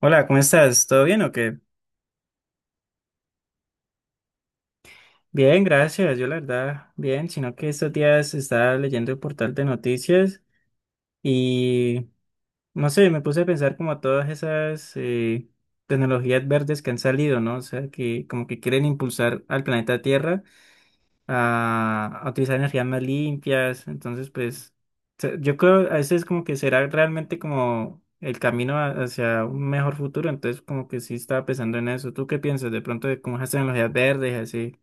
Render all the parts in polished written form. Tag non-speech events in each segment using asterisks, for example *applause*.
Hola, ¿cómo estás? ¿Todo bien o qué? Bien, gracias. Yo la verdad, bien, sino que estos días estaba leyendo el portal de noticias y no sé, me puse a pensar como todas esas tecnologías verdes que han salido, ¿no? O sea, que como que quieren impulsar al planeta Tierra a utilizar energías más limpias. Entonces, pues, yo creo a veces como que será realmente como el camino hacia un mejor futuro. Entonces, como que sí estaba pensando en eso. ¿Tú qué piensas de pronto de cómo esas tecnologías verdes y así?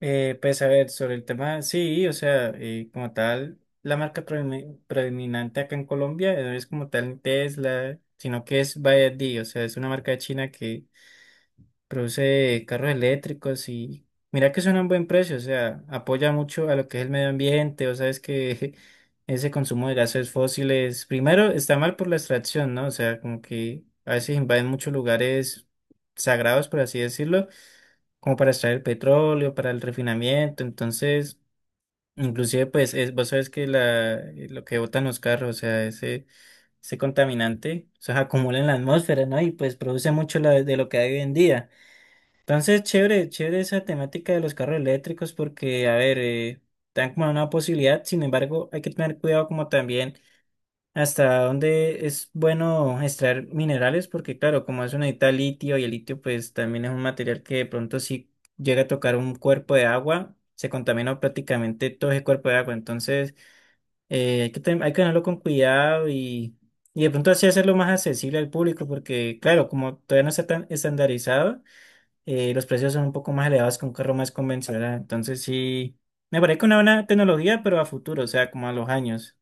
Pues a ver, sobre el tema, sí, o sea, como tal, la marca predominante acá en Colombia no es como tal Tesla, sino que es BYD, o sea, es una marca de china que produce carros eléctricos y mira que son a un buen precio, o sea, apoya mucho a lo que es el medio ambiente, o sea, es que *laughs* ese consumo de gases fósiles, primero está mal por la extracción, ¿no? O sea, como que a veces invaden muchos lugares sagrados, por así decirlo como para extraer el petróleo, para el refinamiento, entonces, inclusive pues es, vos sabes que la, lo que botan los carros, o sea, ese contaminante, o sea, *laughs* acumula en la atmósfera, ¿no? Y pues produce mucho de lo que hay hoy en día. Entonces, chévere, chévere esa temática de los carros eléctricos porque, a ver, dan como una posibilidad, sin embargo, hay que tener cuidado como también hasta dónde es bueno extraer minerales, porque claro, como eso necesita litio y el litio pues también es un material que de pronto si llega a tocar un cuerpo de agua, se contamina prácticamente todo ese cuerpo de agua, entonces hay que, hay que tenerlo con cuidado y de pronto así hacerlo más accesible al público, porque claro, como todavía no está tan estandarizado, los precios son un poco más elevados que un carro más convencional, entonces sí, me parece que una buena tecnología, pero a futuro, o sea, como a los años.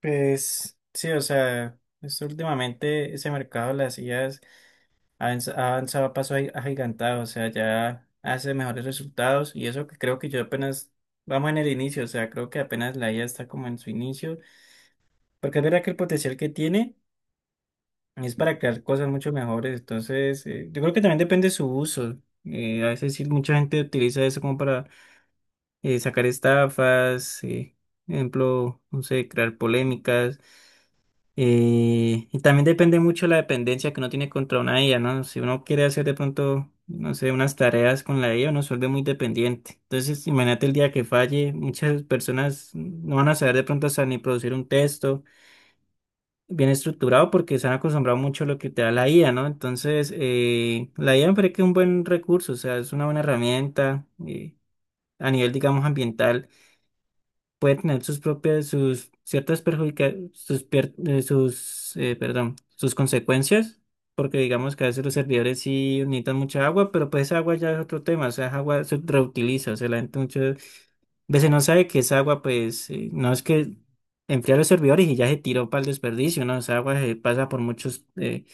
Pues sí, o sea, es últimamente ese mercado de las IAs ha avanzado a paso agigantado, o sea, ya hace mejores resultados y eso que creo que yo apenas vamos en el inicio, o sea, creo que apenas la IA está como en su inicio, porque es verdad que el potencial que tiene es para crear cosas mucho mejores, entonces yo creo que también depende de su uso, a veces sí, mucha gente utiliza eso como para sacar estafas, ejemplo, no sé, crear polémicas. Y también depende mucho la dependencia que uno tiene contra una IA, ¿no? Si uno quiere hacer de pronto, no sé, unas tareas con la IA, uno se vuelve muy dependiente. Entonces, imagínate el día que falle, muchas personas no van a saber de pronto hasta ni producir un texto bien estructurado porque se han acostumbrado mucho a lo que te da la IA, ¿no? Entonces, la IA me parece que es un buen recurso, o sea, es una buena herramienta a nivel, digamos, ambiental puede tener sus propias, sus ciertas perjudica, perdón, sus consecuencias, porque digamos que a veces los servidores sí necesitan mucha agua, pero pues esa agua ya es otro tema, o sea, esa agua se reutiliza, o sea, la gente muchas veces no sabe que esa agua, pues, no es que enfría los servidores y ya se tiró para el desperdicio, ¿no? Esa agua se pasa por muchos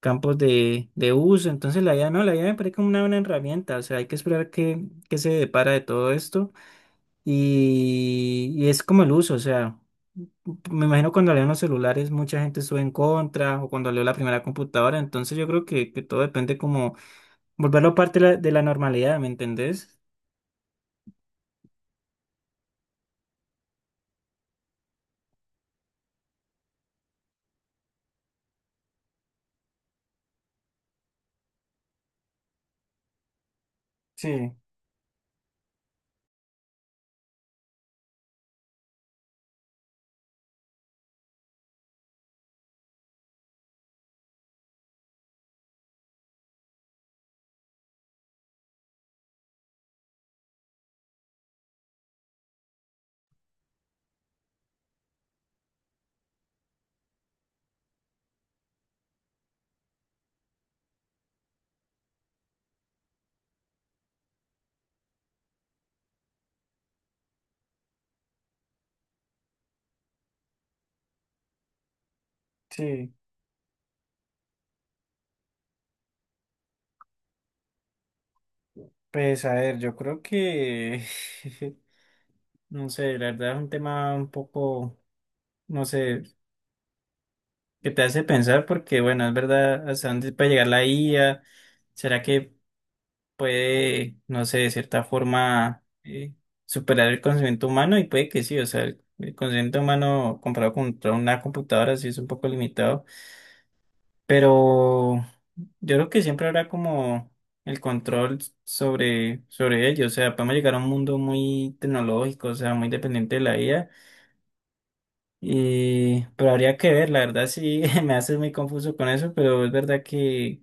campos de uso, entonces la IA no, la IA me parece como una buena herramienta, o sea, hay que esperar que se depara de todo esto y es como el uso, o sea, me imagino cuando salieron los celulares mucha gente estuvo en contra o cuando salió la primera computadora, entonces yo creo que todo depende como volverlo parte de la normalidad, ¿me entendés? Sí, sí. Pues a ver, yo creo que, *laughs* no sé, la verdad es un tema un poco, no sé, que te hace pensar porque, bueno, es verdad, hasta dónde puede llegar la IA. ¿Será que puede, no sé, de cierta forma superar el conocimiento humano? Y puede que sí, o sea, el conocimiento humano comparado contra una computadora sí es un poco limitado, pero yo creo que siempre habrá como el control sobre, sobre ello, o sea, podemos llegar a un mundo muy tecnológico, o sea, muy dependiente de la IA, y, pero habría que ver, la verdad sí, *laughs* me hace muy confuso con eso, pero es verdad que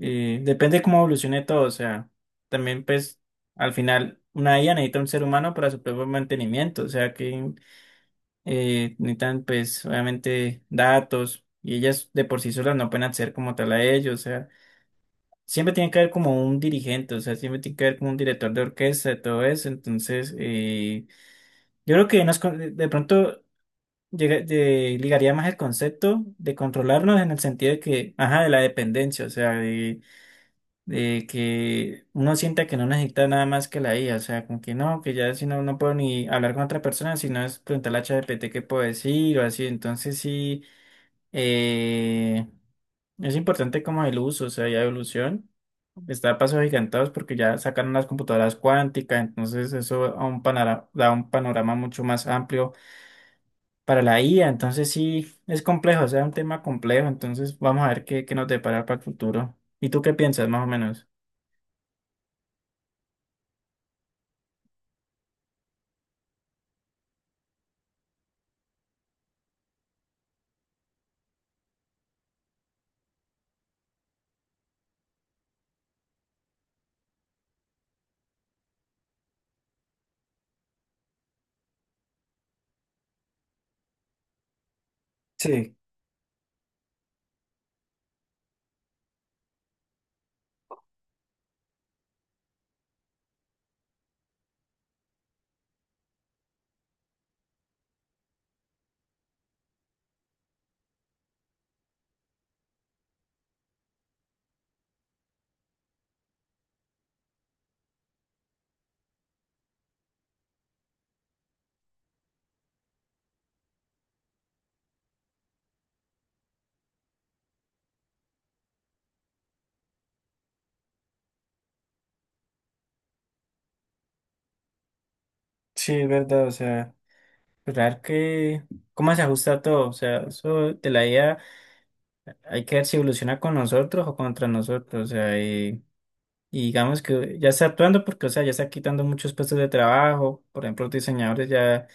depende cómo evolucione todo, o sea, también pues al final una IA necesita un ser humano para su propio mantenimiento, o sea que necesitan pues obviamente datos y ellas de por sí solas no pueden hacer como tal a ello, o sea, siempre tiene que haber como un dirigente, o sea, siempre tiene que haber como un director de orquesta y todo eso, entonces yo creo que nos, de pronto ligaría más el concepto de controlarnos en el sentido de que, ajá, de la dependencia, o sea, de que uno sienta que no necesita nada más que la IA, o sea, como que no, que ya si no, no puedo ni hablar con otra persona, sino es preguntarle a ChatGPT qué puedo decir o así, entonces sí, eh, es importante como el uso, o sea, ya evolución, está a pasos gigantados porque ya sacaron las computadoras cuánticas, entonces eso a un da un panorama mucho más amplio para la IA, entonces sí, es complejo, o sea, es un tema complejo, entonces vamos a ver qué, qué nos depara para el futuro. ¿Y tú qué piensas más o menos? Sí, sí, es verdad, o sea, esperar que cómo se ajusta todo, o sea, eso de la IA hay que ver si evoluciona con nosotros o contra nosotros, o sea, y digamos que ya está actuando porque, o sea, ya está quitando muchos puestos de trabajo, por ejemplo, los diseñadores ya,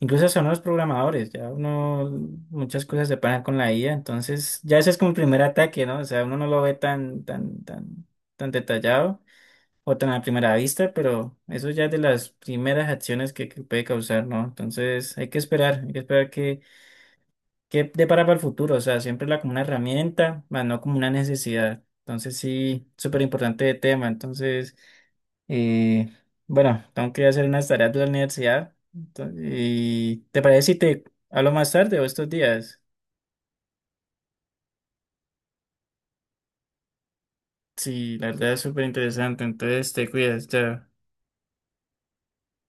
incluso son los programadores, ya uno, muchas cosas se pagan con la IA, entonces ya ese es como el primer ataque, ¿no? O sea, uno no lo ve tan, tan, tan detallado o tan a primera vista, pero eso ya es de las primeras acciones que puede causar, ¿no? Entonces hay que esperar que depara para el futuro, o sea, siempre la como una herramienta, más no como una necesidad. Entonces sí, súper importante el tema. Entonces, eh, bueno, tengo que hacer unas tareas de la universidad. Entonces, y ¿te parece si te hablo más tarde o estos días? Sí, la verdad es súper interesante, entonces te cuidas, chao.